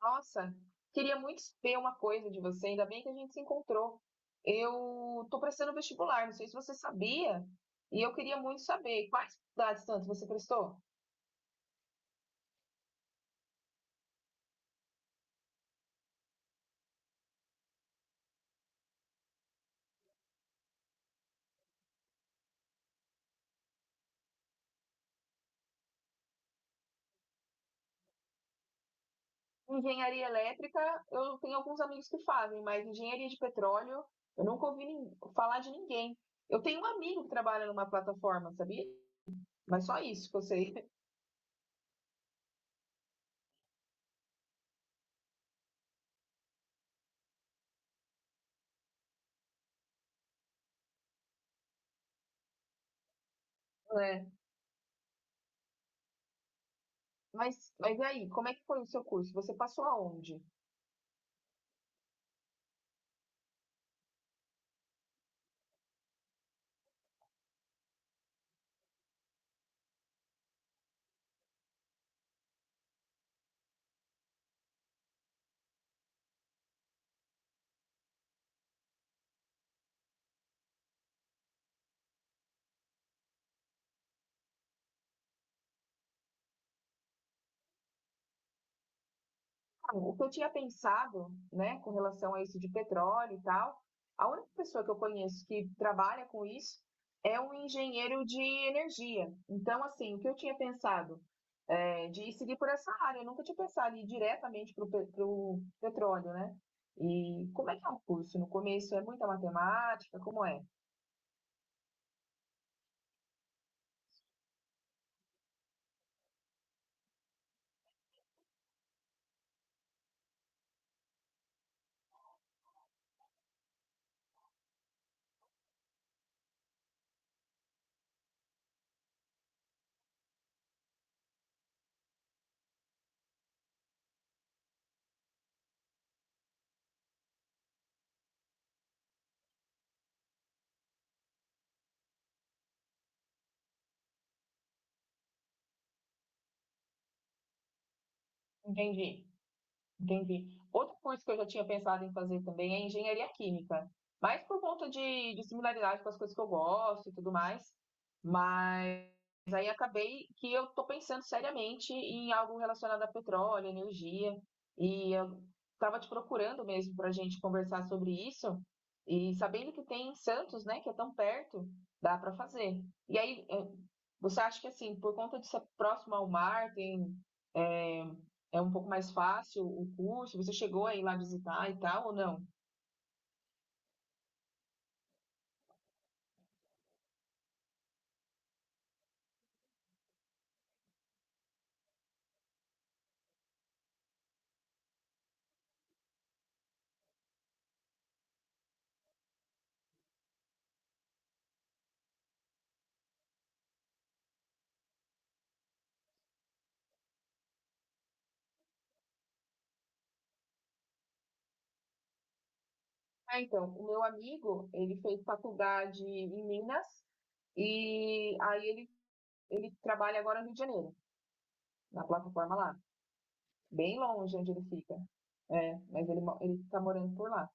Nossa, queria muito ver uma coisa de você, ainda bem que a gente se encontrou. Eu tô prestando vestibular, não sei se você sabia, e eu queria muito saber quais faculdades tanto você prestou? Engenharia elétrica, eu tenho alguns amigos que fazem, mas engenharia de petróleo, eu nunca falar de ninguém. Eu tenho um amigo que trabalha numa plataforma, sabia? Mas só isso que eu sei. É. Mas e aí, como é que foi o seu curso? Você passou aonde? O que eu tinha pensado, né, com relação a isso de petróleo e tal, a única pessoa que eu conheço que trabalha com isso é um engenheiro de energia. Então, assim, o que eu tinha pensado é de seguir por essa área. Eu nunca tinha pensado em ir diretamente para o petróleo, né? E como é que é o curso? No começo é muita matemática, como é? Entendi. Entendi. Outro curso que eu já tinha pensado em fazer também é engenharia química, mas por conta de similaridade com as coisas que eu gosto e tudo mais. Mas aí acabei que eu estou pensando seriamente em algo relacionado a petróleo, energia, e eu estava te procurando mesmo para a gente conversar sobre isso, e sabendo que tem em Santos, né, que é tão perto, dá para fazer. E aí, você acha que assim, por conta de ser próximo ao mar, tem eh, é um pouco mais fácil o curso? Você chegou a ir lá visitar e tal, ou não? Ah, então, o meu amigo, ele fez faculdade em Minas e ele trabalha agora no Rio de Janeiro, na plataforma lá, bem longe onde ele fica. É, mas ele tá morando por lá.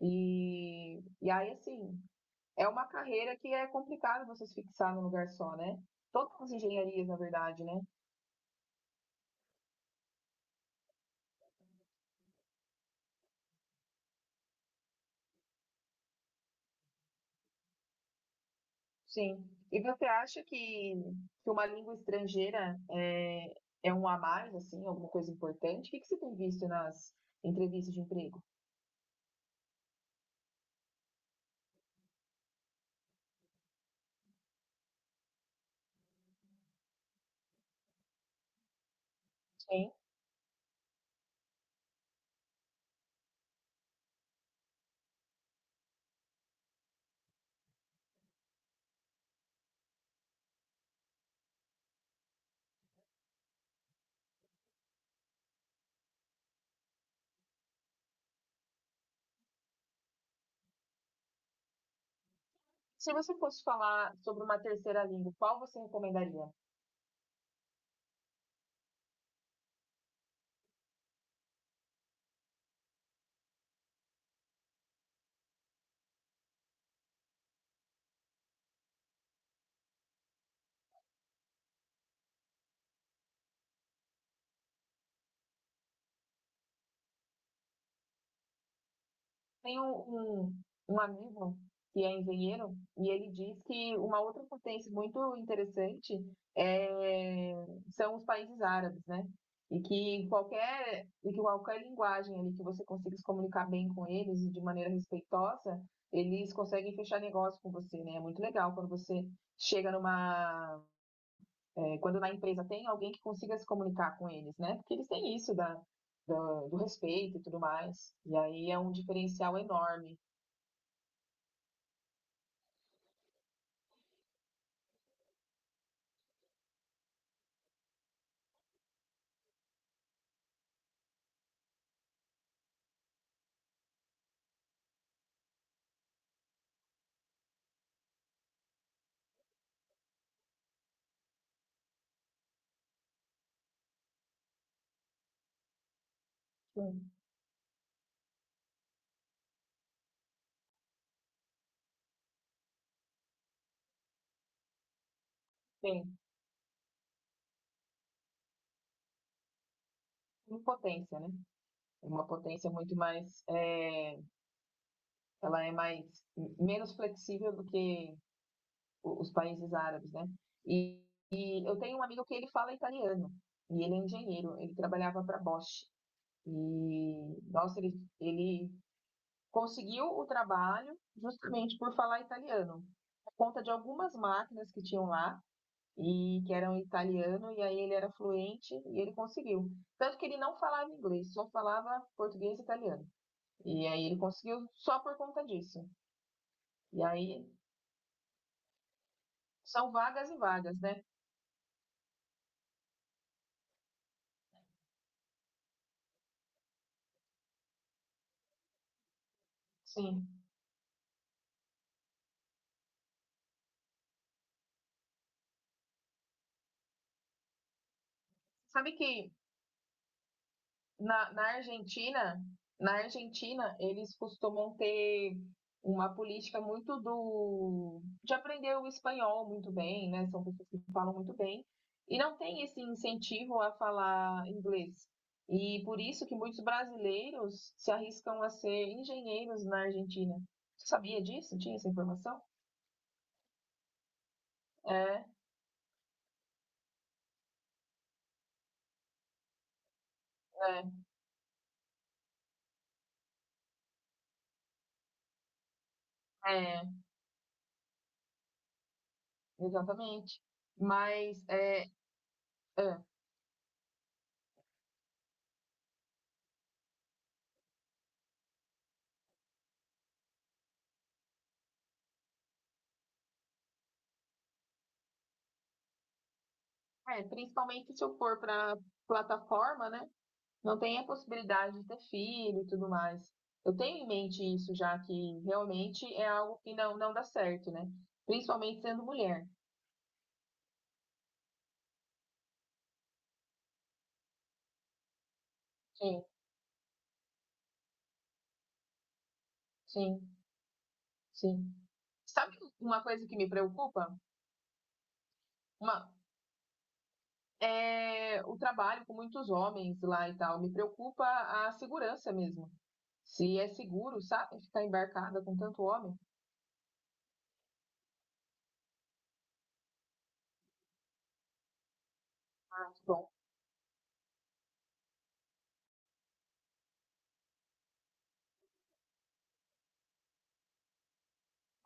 E aí, assim, é uma carreira que é complicado você se fixar num lugar só, né? Todas as engenharias, na verdade, né? Sim. E você acha que uma língua estrangeira é um a mais, assim, alguma coisa importante? O que, que você tem visto nas entrevistas de emprego? Sim. Se você fosse falar sobre uma terceira língua, qual você recomendaria? Tem um, um, um amigo que é engenheiro e ele diz que uma outra potência muito interessante é, são os países árabes, né? E que qualquer linguagem ali que você consiga se comunicar bem com eles e de maneira respeitosa, eles conseguem fechar negócio com você, né? É muito legal quando você chega numa. É, quando na empresa tem alguém que consiga se comunicar com eles, né? Porque eles têm isso do respeito e tudo mais. E aí é um diferencial enorme. Sim, sim. Em potência, né? É. Uma potência muito mais, ela é mais menos flexível do que os países árabes, né? E, e eu tenho um amigo que ele fala italiano e ele é engenheiro. Ele trabalhava para Bosch e nossa, ele, ele conseguiu o trabalho justamente por falar italiano, por conta de algumas máquinas que tinham lá e que era um italiano, e aí ele era fluente e ele conseguiu. Tanto que ele não falava inglês, só falava português e italiano. E aí ele conseguiu só por conta disso. E aí são vagas e vagas, né? Sim. Sabe que na, na Argentina, eles costumam ter uma política muito do de aprender o espanhol muito bem, né? São pessoas que falam muito bem e não tem esse incentivo a falar inglês. E por isso que muitos brasileiros se arriscam a ser engenheiros na Argentina. Você sabia disso? Tinha essa informação? É, é, é, exatamente. Mas é, é, principalmente se eu for para plataforma, né? Não tem a possibilidade de ter filho e tudo mais. Eu tenho em mente isso já que realmente é algo que não dá certo, né? Principalmente sendo mulher. Sim, sim, sim. Sabe uma coisa que me preocupa? Uma, é o trabalho com muitos homens lá e tal. Me preocupa a segurança mesmo. Se é seguro, sabe? Ficar embarcada com tanto homem. Ah, que bom.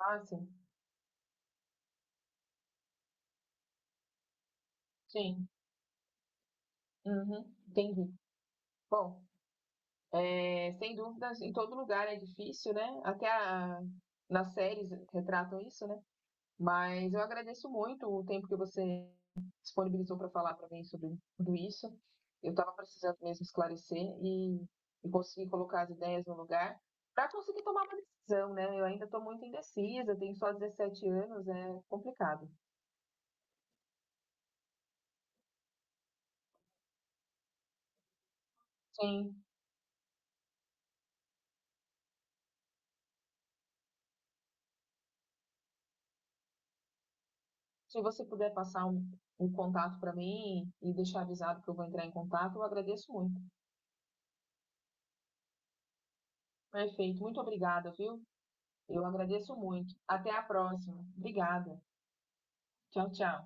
Ah, sim. Sim. Uhum, entendi. Bom. É, sem dúvidas, em todo lugar é difícil, né? Até nas séries retratam isso, né? Mas eu agradeço muito o tempo que você disponibilizou para falar para mim sobre tudo isso. Eu estava precisando mesmo esclarecer e conseguir colocar as ideias no lugar para conseguir tomar uma decisão, né? Eu ainda estou muito indecisa, tenho só 17 anos, é complicado. Sim, se você puder passar um contato para mim e deixar avisado que eu vou entrar em contato, eu agradeço muito. Perfeito, muito obrigada, viu? Eu agradeço muito. Até a próxima. Obrigada. Tchau, tchau.